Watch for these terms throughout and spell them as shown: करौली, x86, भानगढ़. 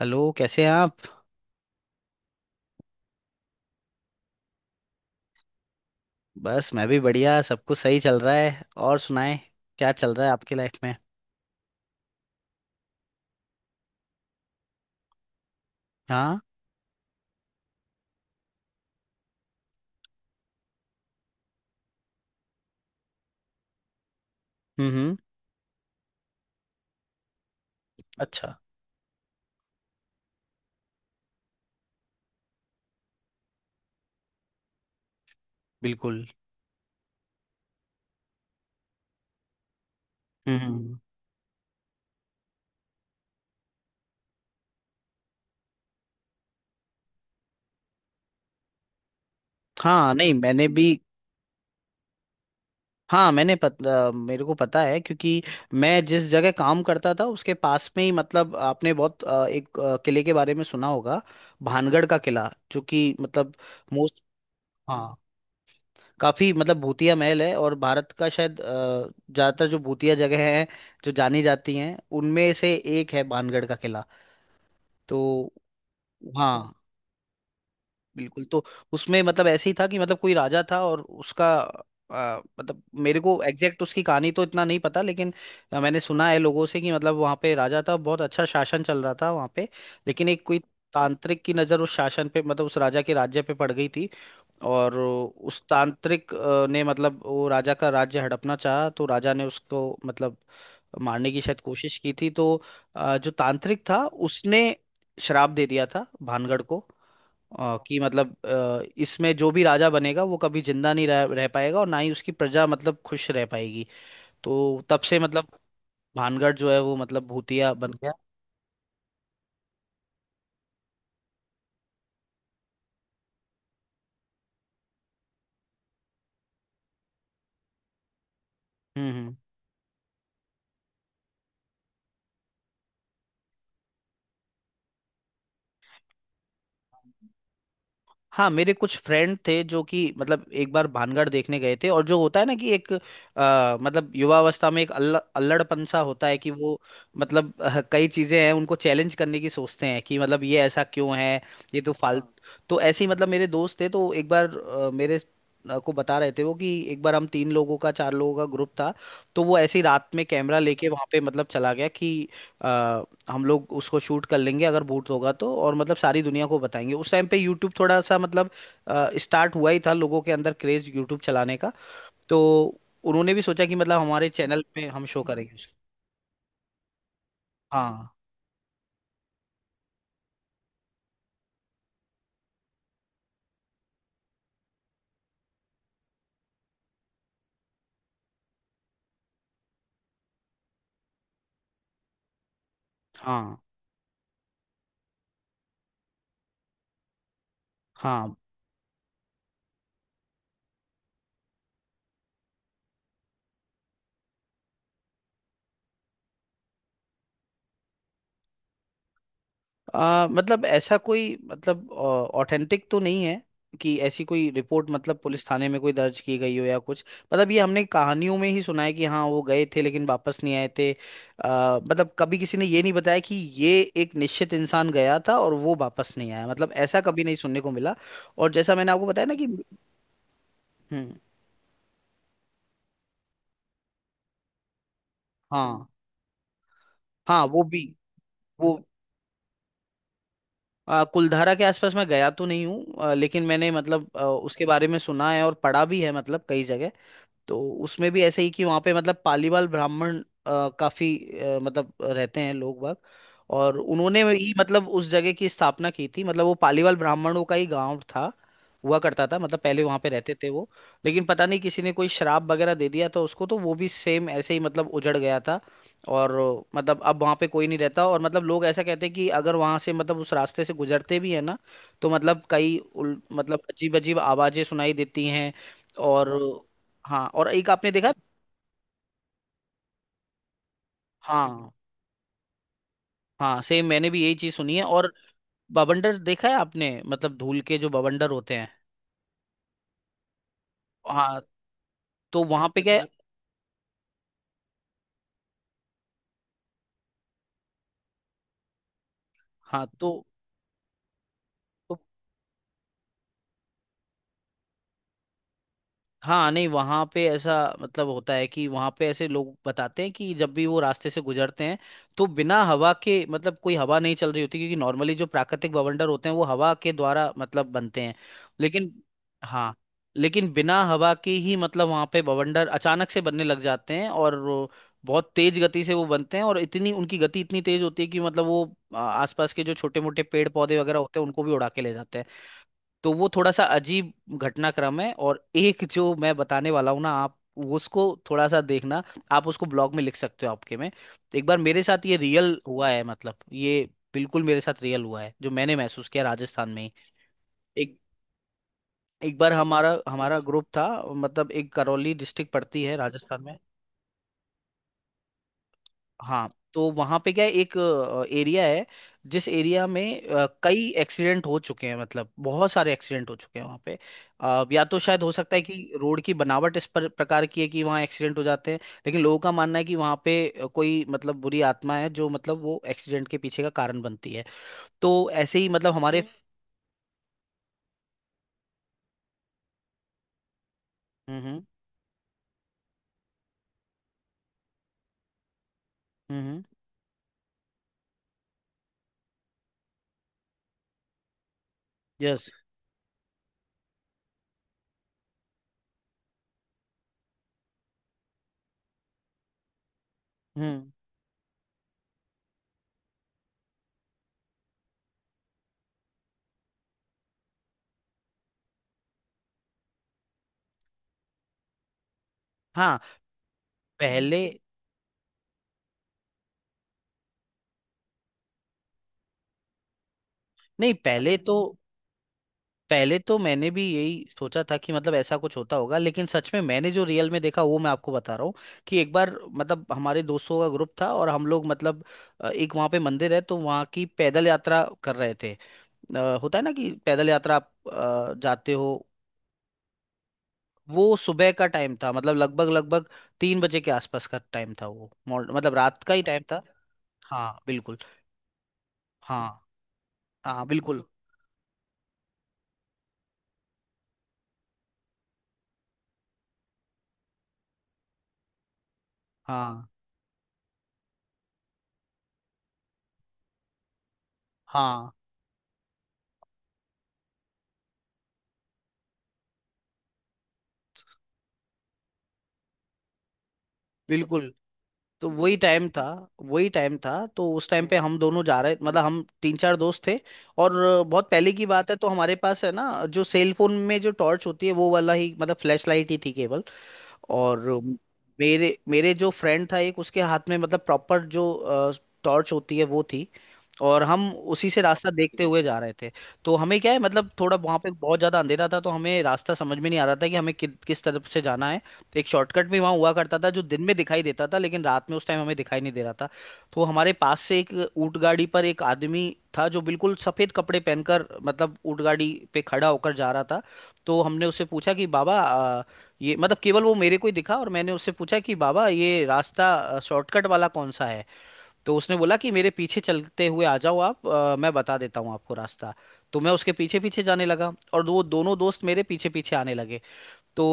Hello, कैसे हैं आप। बस मैं भी बढ़िया, सब कुछ सही चल रहा है। और सुनाएं, क्या चल रहा है आपकी लाइफ में। हाँ। हम्म। अच्छा। बिल्कुल। हम्म हम्म। हाँ, नहीं मैंने भी। हाँ मैंने मेरे को पता है क्योंकि मैं जिस जगह काम करता था उसके पास में ही, मतलब आपने बहुत एक किले के बारे में सुना होगा, भानगढ़ का किला, जो कि मतलब मोस्ट, काफी मतलब भूतिया महल है। और भारत का शायद ज्यादातर जो भूतिया जगह हैं, जो जानी जाती हैं, उनमें से एक है बाणगढ़ का किला। तो हाँ, बिल्कुल। तो उसमें मतलब ऐसे ही था कि मतलब कोई राजा था और उसका मतलब मेरे को एग्जैक्ट उसकी कहानी तो इतना नहीं पता, लेकिन मैंने सुना है लोगों से कि मतलब वहाँ पे राजा था, बहुत अच्छा शासन चल रहा था वहाँ पे। लेकिन एक कोई तांत्रिक की नज़र उस शासन पे, मतलब उस राजा के राज्य पे पड़ गई थी। और उस तांत्रिक ने मतलब वो राजा का राज्य हड़पना चाहा, तो राजा ने उसको मतलब मारने की शायद कोशिश की थी। तो जो तांत्रिक था उसने श्राप दे दिया था भानगढ़ को, कि मतलब इसमें जो भी राजा बनेगा वो कभी जिंदा नहीं रह पाएगा, और ना ही उसकी प्रजा मतलब खुश रह पाएगी। तो तब से मतलब भानगढ़ जो है वो मतलब भूतिया बन गया। हम्म हम्म। हाँ, मेरे कुछ फ्रेंड थे जो कि मतलब एक बार भानगढ़ देखने गए थे। और जो होता है ना कि एक मतलब युवावस्था में एक अल्लड़पन सा होता है, कि वो मतलब कई चीजें हैं, उनको चैलेंज करने की सोचते हैं कि मतलब ये ऐसा क्यों है। ये तो फाल, हाँ, तो ऐसे ही मतलब मेरे दोस्त थे। तो एक बार मेरे को बता रहे थे वो कि एक बार हम तीन लोगों का, चार लोगों का ग्रुप था। तो वो ऐसे ही रात में कैमरा लेके वहां पे मतलब चला गया कि हम लोग उसको शूट कर लेंगे अगर बूट होगा तो, और मतलब सारी दुनिया को बताएंगे। उस टाइम पे यूट्यूब थोड़ा सा मतलब स्टार्ट हुआ ही था, लोगों के अंदर क्रेज यूट्यूब चलाने का। तो उन्होंने भी सोचा कि मतलब हमारे चैनल पे हम शो करेंगे उसे। हाँ हाँ हाँ। मतलब ऐसा कोई मतलब ऑथेंटिक तो नहीं है कि ऐसी कोई रिपोर्ट मतलब पुलिस थाने में कोई दर्ज की गई हो या कुछ। मतलब ये हमने कहानियों में ही सुना है कि हाँ वो गए थे लेकिन वापस नहीं आए थे। मतलब कभी किसी ने ये नहीं बताया कि ये एक निश्चित इंसान गया था और वो वापस नहीं आया, मतलब ऐसा कभी नहीं सुनने को मिला। और जैसा मैंने आपको बताया ना कि हम्म। हाँ, हाँ वो भी। वो कुलधारा के आसपास मैं गया तो नहीं हूँ, लेकिन मैंने मतलब उसके बारे में सुना है और पढ़ा भी है मतलब कई जगह। तो उसमें भी ऐसे ही कि वहाँ पे मतलब पालीवाल ब्राह्मण काफी मतलब रहते हैं लोग बाग। और उन्होंने ही मतलब उस जगह की स्थापना की थी, मतलब वो पालीवाल ब्राह्मणों का ही गांव था, हुआ करता था। मतलब पहले वहां पे रहते थे वो। लेकिन पता नहीं किसी ने कोई शराब वगैरह दे दिया तो उसको, तो वो भी सेम ऐसे ही मतलब उजड़ गया था। और मतलब अब वहां पे कोई नहीं रहता। और मतलब लोग ऐसा कहते हैं कि अगर वहां से, मतलब उस रास्ते से गुजरते भी है ना, तो मतलब मतलब अजीब अजीब आवाजें सुनाई देती हैं। और हाँ। हाँ, और एक आपने देखा है। हाँ, हाँ सेम मैंने भी यही चीज सुनी है। और बवंडर देखा है आपने, मतलब धूल के जो बवंडर होते हैं। हाँ, तो वहां पे क्या है। हाँ, तो हाँ, नहीं वहाँ पे ऐसा मतलब होता है कि वहाँ पे ऐसे लोग बताते हैं कि जब भी वो रास्ते से गुजरते हैं, तो बिना हवा के, मतलब कोई हवा नहीं चल रही होती, क्योंकि नॉर्मली जो प्राकृतिक बवंडर होते हैं वो हवा के द्वारा मतलब बनते हैं, लेकिन हाँ, लेकिन बिना हवा के ही मतलब वहाँ पे बवंडर अचानक से बनने लग जाते हैं। और वो बहुत तेज गति से वो बनते हैं, और इतनी उनकी गति इतनी तेज होती है कि मतलब वो आसपास के जो छोटे मोटे पेड़ पौधे वगैरह होते हैं, उनको भी उड़ा के ले जाते हैं। तो वो थोड़ा सा अजीब घटनाक्रम है। और एक जो मैं बताने वाला हूँ ना आप, उसको थोड़ा सा देखना। आप उसको ब्लॉग में लिख सकते हो आपके में। एक बार मेरे साथ ये रियल हुआ है, मतलब ये बिल्कुल मेरे साथ रियल हुआ है, जो मैंने महसूस किया राजस्थान में ही। एक, एक बार हमारा हमारा ग्रुप था। मतलब एक करौली डिस्ट्रिक्ट पड़ती है राजस्थान में। हाँ, तो वहां पे क्या है, एक एरिया है, जिस एरिया में कई एक्सीडेंट हो चुके हैं, मतलब बहुत सारे एक्सीडेंट हो चुके हैं वहां पे। या तो शायद हो सकता है कि रोड की बनावट इस प्रकार की है कि वहाँ एक्सीडेंट हो जाते हैं। लेकिन लोगों का मानना है कि वहाँ पे कोई मतलब बुरी आत्मा है जो मतलब वो एक्सीडेंट के पीछे का कारण बनती है। तो ऐसे ही मतलब हमारे हम्म हम्म हम्म। यस। हम्म। हाँ। पहले नहीं पहले तो पहले तो मैंने भी यही सोचा था कि मतलब ऐसा कुछ होता होगा, लेकिन सच में मैंने जो रियल में देखा वो मैं आपको बता रहा हूँ। कि एक बार मतलब हमारे दोस्तों का ग्रुप था और हम लोग मतलब एक वहाँ पे मंदिर है तो वहाँ की पैदल यात्रा कर रहे थे। होता है ना कि पैदल यात्रा आप जाते हो। वो सुबह का टाइम था, मतलब लगभग लगभग 3 बजे के आसपास का टाइम था। वो मॉर्न- मतलब रात का ही टाइम था। हाँ बिल्कुल। हाँ हाँ बिल्कुल। हाँ हाँ बिल्कुल। तो वही टाइम था। तो उस टाइम पे हम दोनों जा रहे, मतलब हम तीन चार दोस्त थे। और बहुत पहले की बात है, तो हमारे पास है ना जो सेल फोन में जो टॉर्च होती है वो वाला ही, मतलब फ्लैश लाइट ही थी केवल। और मेरे मेरे जो फ्रेंड था एक, उसके हाथ में मतलब प्रॉपर जो टॉर्च होती है वो थी। और हम उसी से रास्ता देखते हुए जा रहे थे। तो हमें क्या है, मतलब थोड़ा वहाँ पे बहुत ज़्यादा अंधेरा था तो हमें रास्ता समझ में नहीं आ रहा था कि हमें किस तरफ से जाना है। तो एक शॉर्टकट भी वहाँ हुआ करता था जो दिन में दिखाई देता था, लेकिन रात में उस टाइम हमें दिखाई नहीं दे रहा था। तो हमारे पास से एक ऊंट गाड़ी पर एक आदमी था, जो बिल्कुल सफ़ेद कपड़े पहनकर मतलब ऊंट गाड़ी पे खड़ा होकर जा रहा था। तो हमने उससे पूछा कि बाबा ये, मतलब केवल वो मेरे को ही दिखा, और मैंने उससे पूछा कि बाबा ये रास्ता शॉर्टकट वाला कौन सा है। तो उसने बोला कि मेरे पीछे चलते हुए आ जाओ आप, मैं बता देता हूँ आपको रास्ता। तो मैं उसके पीछे पीछे जाने लगा और वो दोनों दोस्त मेरे पीछे पीछे आने लगे। तो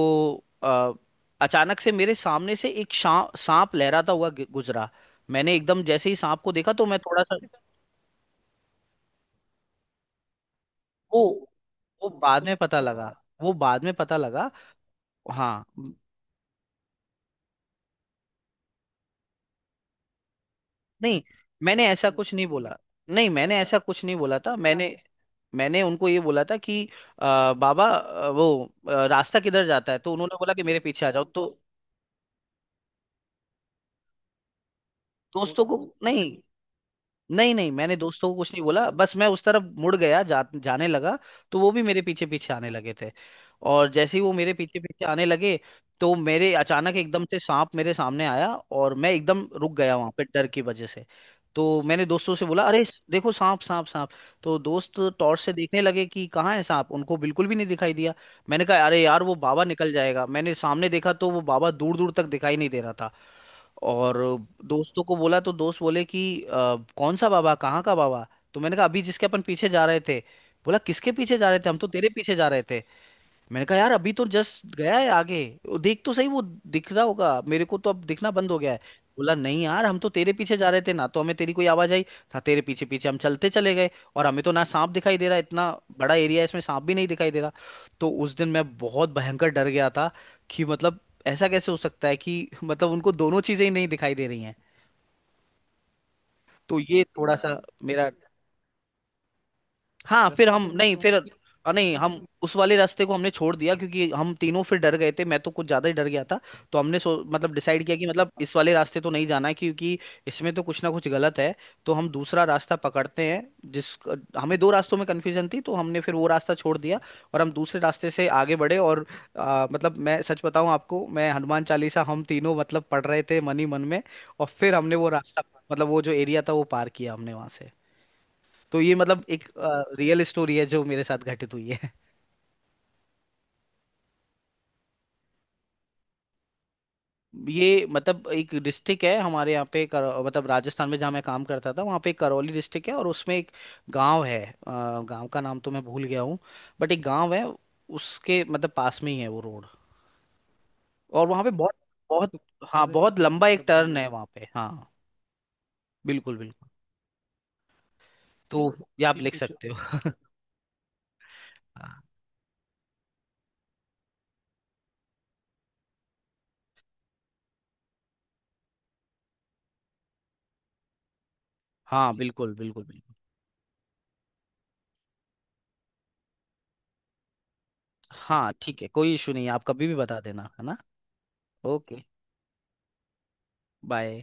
अचानक से मेरे सामने से एक सांप लहराता हुआ गुजरा। मैंने एकदम जैसे ही सांप को देखा तो मैं थोड़ा सा, वो वो बाद में पता लगा। वो बाद में पता लगा हाँ, नहीं मैंने ऐसा कुछ नहीं बोला। नहीं मैंने ऐसा कुछ नहीं बोला था। मैंने मैंने उनको ये बोला था कि बाबा वो रास्ता किधर जाता है, तो उन्होंने बोला कि मेरे पीछे आ जाओ। तो दोस्तों को नहीं, नहीं, नहीं मैंने दोस्तों को कुछ नहीं बोला, बस मैं उस तरफ मुड़ गया, जाने लगा। तो वो भी मेरे पीछे पीछे आने लगे थे। और जैसे ही वो मेरे पीछे पीछे आने लगे, तो मेरे अचानक एकदम से सांप मेरे सामने आया और मैं एकदम रुक गया वहां पे डर की वजह से। तो मैंने दोस्तों से बोला, अरे देखो सांप सांप सांप। तो दोस्त टॉर्च से देखने लगे कि कहाँ है सांप, उनको बिल्कुल भी नहीं दिखाई दिया। मैंने कहा अरे यार वो बाबा निकल जाएगा। मैंने सामने देखा तो वो बाबा दूर दूर तक दिखाई नहीं दे रहा था। और दोस्तों को बोला तो दोस्त बोले कि कौन सा बाबा, कहाँ का बाबा"। तो मैंने कहा अभी जिसके अपन पीछे जा रहे थे। बोला किसके पीछे जा रहे थे, हम तो तेरे पीछे जा रहे थे। मैंने कहा यार अभी तो जस्ट गया है आगे, वो देख तो सही, वो दिख रहा होगा, मेरे को तो अब दिखना बंद हो गया है। बोला नहीं यार हम तो तेरे पीछे जा रहे थे ना, तो हमें तेरी कोई आवाज आई था, तेरे पीछे पीछे हम चलते चले गए। और हमें तो ना सांप दिखाई दे रहा, इतना बड़ा एरिया है इसमें सांप भी नहीं दिखाई दे रहा। तो उस दिन मैं बहुत भयंकर डर गया था कि मतलब ऐसा कैसे हो सकता है कि मतलब उनको दोनों चीजें ही नहीं दिखाई दे रही हैं। तो ये थोड़ा सा मेरा, हाँ। फिर हम्म, नहीं हम उस वाले रास्ते को हमने छोड़ दिया, क्योंकि हम तीनों फिर डर गए थे, मैं तो कुछ ज्यादा ही डर गया था। तो हमने सो मतलब डिसाइड किया कि मतलब इस वाले रास्ते तो नहीं जाना है, क्योंकि इसमें तो कुछ ना कुछ गलत है। तो हम दूसरा रास्ता पकड़ते हैं, जिस, हमें दो रास्तों में कन्फ्यूजन थी तो हमने फिर वो रास्ता छोड़ दिया। और हम दूसरे रास्ते से आगे बढ़े। और मतलब मैं सच बताऊं आपको, मैं हनुमान चालीसा हम तीनों मतलब पढ़ रहे थे मन ही मन में। और फिर हमने वो रास्ता मतलब वो जो एरिया था, वो पार किया हमने वहां से। तो ये मतलब एक रियल स्टोरी है जो मेरे साथ घटित हुई है। ये मतलब एक डिस्ट्रिक्ट है हमारे यहाँ पे मतलब राजस्थान में जहाँ मैं काम करता था, वहाँ पे एक करौली डिस्ट्रिक्ट है। और उसमें एक गांव है, गांव का नाम तो मैं भूल गया हूँ, बट एक गांव है, उसके मतलब पास में ही है वो रोड। और वहाँ पे बहुत बहुत, हाँ, बहुत लंबा एक टर्न है वहाँ पे। हाँ, बिल्कुल बिल्कुल। तो ये आप लिख सकते हो। हाँ, बिल्कुल बिल्कुल बिल्कुल। हाँ, ठीक है, कोई इशू नहीं है, आप कभी भी बता देना, है ना। ओके। बाय।